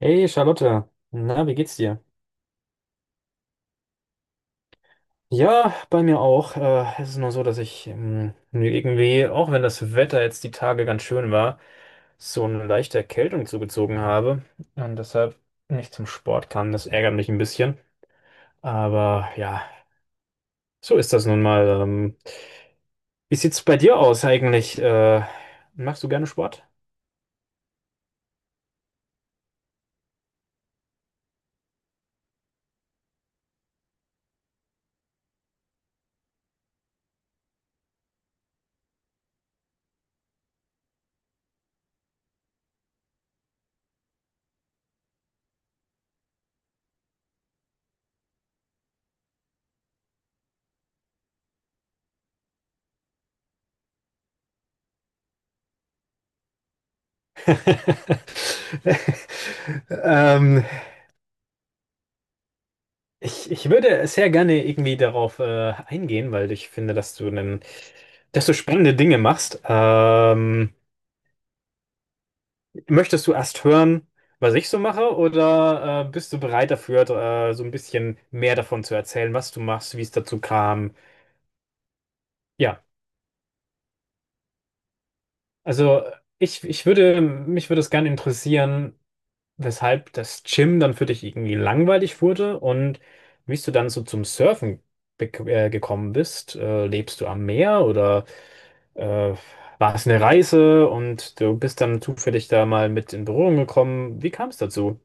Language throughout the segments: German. Hey Charlotte, na, wie geht's dir? Ja, bei mir auch. Es ist nur so, dass ich mir irgendwie, auch wenn das Wetter jetzt die Tage ganz schön war, so eine leichte Erkältung zugezogen habe und deshalb nicht zum Sport kam. Das ärgert mich ein bisschen. Aber ja, so ist das nun mal. Wie sieht's bei dir aus eigentlich? Machst du gerne Sport? Ähm, ich würde sehr gerne irgendwie darauf eingehen, weil ich finde, dass du einen dass du spannende Dinge machst. Möchtest du erst hören, was ich so mache, oder bist du bereit dafür, so ein bisschen mehr davon zu erzählen, was du machst, wie es dazu kam? Ja, also ich würde, mich würde es gerne interessieren, weshalb das Gym dann für dich irgendwie langweilig wurde und wie du dann so zum Surfen gekommen bist. Lebst du am Meer oder? Äh, war es eine Reise und du bist dann zufällig da mal mit in Berührung gekommen? Wie kam es dazu?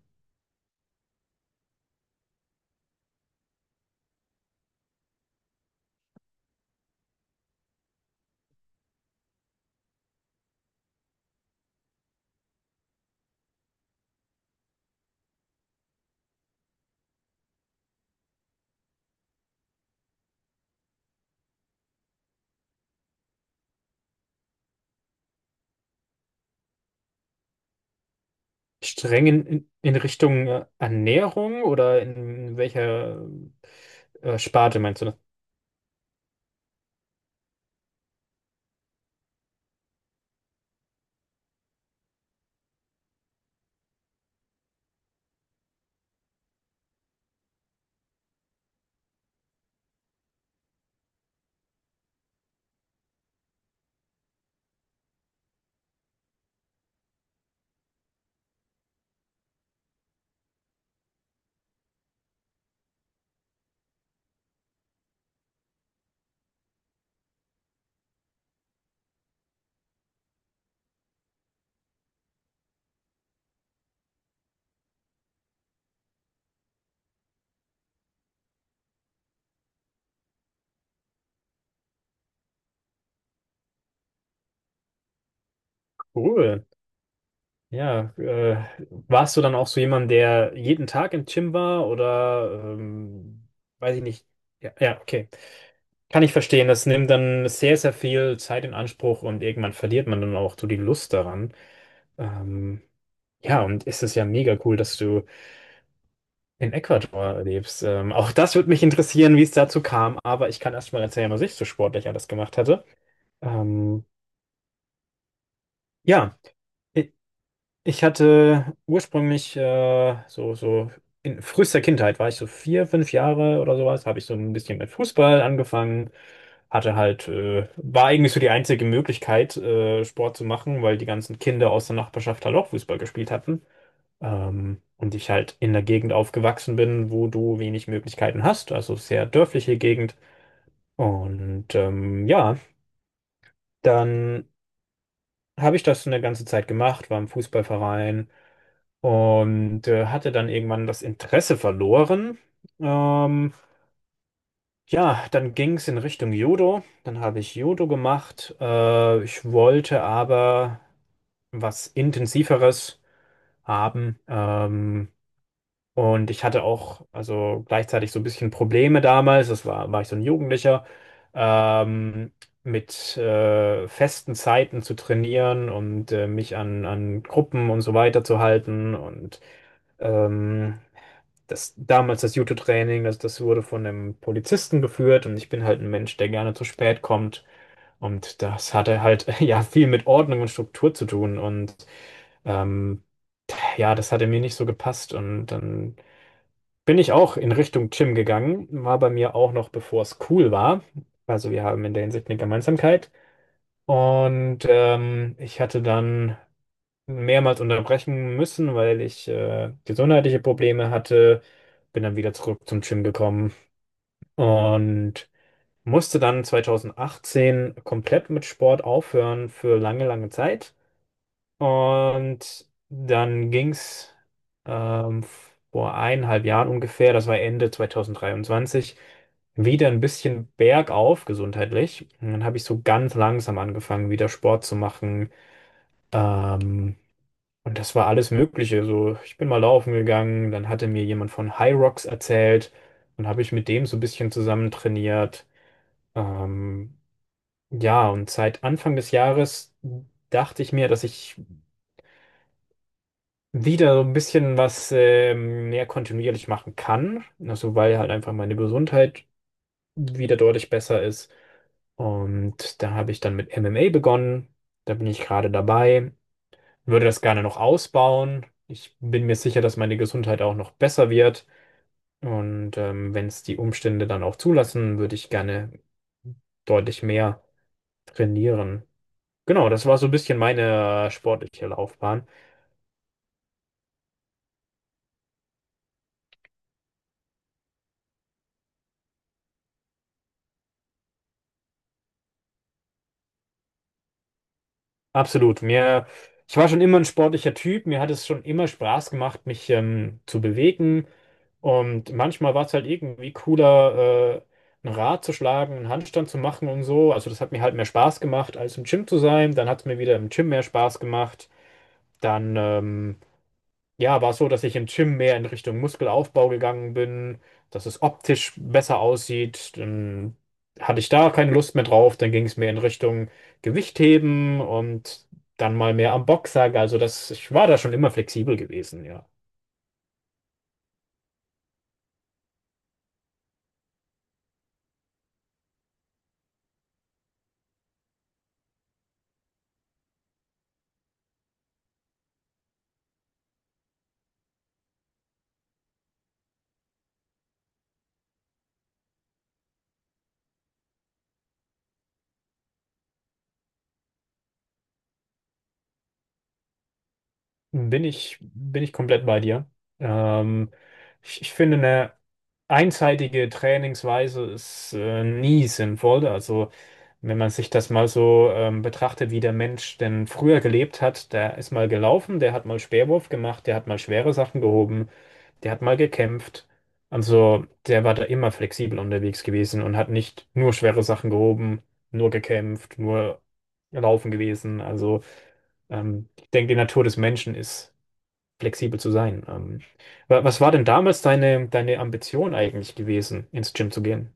Streng in Richtung Ernährung oder in welcher Sparte meinst du das? Cool. Ja, warst du dann auch so jemand, der jeden Tag im Gym war oder weiß ich nicht. Ja, ja, okay. Kann ich verstehen. Das nimmt dann sehr, sehr viel Zeit in Anspruch und irgendwann verliert man dann auch so die Lust daran. Ähm, Ja, und es ist ja mega cool, dass du in Ecuador lebst. Auch das würde mich interessieren, wie es dazu kam, aber ich kann erst mal erzählen, was ich so sportlich alles gemacht hatte. Ähm, ja, Ich hatte ursprünglich so in frühester Kindheit war ich so vier, fünf Jahre oder sowas, habe ich so ein bisschen mit Fußball angefangen, hatte halt, war eigentlich so die einzige Möglichkeit, Sport zu machen, weil die ganzen Kinder aus der Nachbarschaft halt auch Fußball gespielt hatten. Und ich halt in der Gegend aufgewachsen bin, wo du wenig Möglichkeiten hast, also sehr dörfliche Gegend. Und ja, dann habe ich das eine ganze Zeit gemacht, war im Fußballverein und hatte dann irgendwann das Interesse verloren. Ähm, ja, dann ging es in Richtung Judo. Dann habe ich Judo gemacht. Ich wollte aber was Intensiveres haben. Und ich hatte auch also gleichzeitig so ein bisschen Probleme damals. Das war, war ich so ein Jugendlicher. Ähm, mit festen Zeiten zu trainieren und mich an Gruppen und so weiter zu halten und ähm, das damals das Judo-Training, das wurde von einem Polizisten geführt und ich bin halt ein Mensch, der gerne zu spät kommt. Und das hatte halt ja viel mit Ordnung und Struktur zu tun. Und ähm, ja, das hatte mir nicht so gepasst. Und dann bin ich auch in Richtung Gym gegangen, war bei mir auch noch, bevor es cool war. Also wir haben in der Hinsicht eine Gemeinsamkeit. Und ich hatte dann mehrmals unterbrechen müssen, weil ich gesundheitliche Probleme hatte. Bin dann wieder zurück zum Gym gekommen und musste dann 2018 komplett mit Sport aufhören für lange, lange Zeit. Und dann ging's ähm, vor eineinhalb Jahren ungefähr, das war Ende 2023, wieder ein bisschen bergauf gesundheitlich. Und dann habe ich so ganz langsam angefangen, wieder Sport zu machen. Ähm, und das war alles Mögliche. So, ich bin mal laufen gegangen, dann hatte mir jemand von High Rocks erzählt und habe ich mit dem so ein bisschen zusammen trainiert. Ähm, ja, und seit Anfang des Jahres dachte ich mir, dass ich wieder so ein bisschen was mehr kontinuierlich machen kann. Also, weil halt einfach meine Gesundheit wieder deutlich besser ist. Und da habe ich dann mit MMA begonnen. Da bin ich gerade dabei. Würde das gerne noch ausbauen. Ich bin mir sicher, dass meine Gesundheit auch noch besser wird. Und wenn es die Umstände dann auch zulassen, würde ich gerne deutlich mehr trainieren. Genau, das war so ein bisschen meine sportliche Laufbahn. Absolut. Ich war schon immer ein sportlicher Typ. Mir hat es schon immer Spaß gemacht, mich zu bewegen. Und manchmal war es halt irgendwie cooler, ein Rad zu schlagen, einen Handstand zu machen und so. Also das hat mir halt mehr Spaß gemacht, als im Gym zu sein. Dann hat es mir wieder im Gym mehr Spaß gemacht. Dann Ja, war es so, dass ich im Gym mehr in Richtung Muskelaufbau gegangen bin, dass es optisch besser aussieht. Dann hatte ich da keine Lust mehr drauf. Dann ging es mehr in Richtung Gewichtheben und dann mal mehr am Boxsack. Also das, ich war da schon immer flexibel gewesen, ja. Bin ich komplett bei dir. Ähm, ich finde, eine einseitige Trainingsweise ist nie sinnvoll. Also wenn man sich das mal so betrachtet, wie der Mensch denn früher gelebt hat, der ist mal gelaufen, der hat mal Speerwurf gemacht, der hat mal schwere Sachen gehoben, der hat mal gekämpft. Also der war da immer flexibel unterwegs gewesen und hat nicht nur schwere Sachen gehoben, nur gekämpft, nur laufen gewesen. Also ich denke, die Natur des Menschen ist flexibel zu sein. Wa- was war denn damals deine Ambition eigentlich gewesen, ins Gym zu gehen?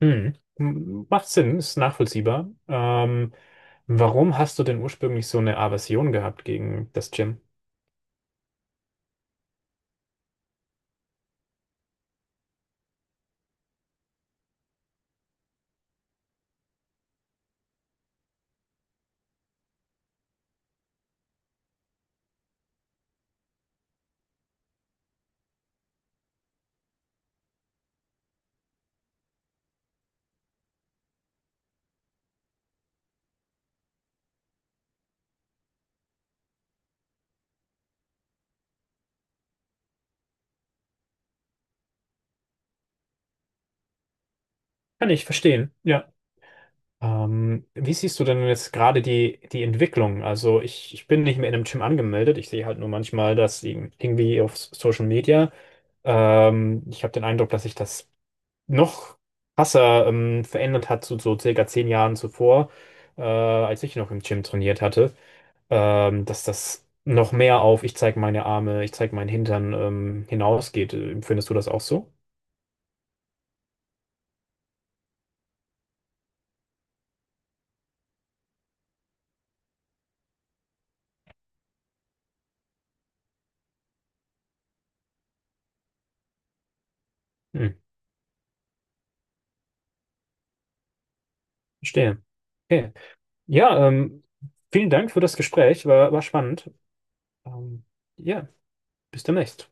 Hm. M- Macht Sinn, ist nachvollziehbar. Warum hast du denn ursprünglich so eine Aversion gehabt gegen das Gym? Kann ich verstehen, ja. Wie siehst du denn jetzt gerade die Entwicklung? Also ich bin nicht mehr in einem Gym angemeldet. Ich sehe halt nur manchmal, dass irgendwie auf Social Media, ich habe den Eindruck, dass sich das noch krasser verändert hat zu so circa 10 Jahren zuvor, als ich noch im Gym trainiert hatte, dass das noch mehr auf ich zeige meine Arme, ich zeige meinen Hintern hinausgeht. Findest du das auch so? Hm, verstehe. Okay. Ja, vielen Dank für das Gespräch, war spannend. Ähm, ja, bis demnächst.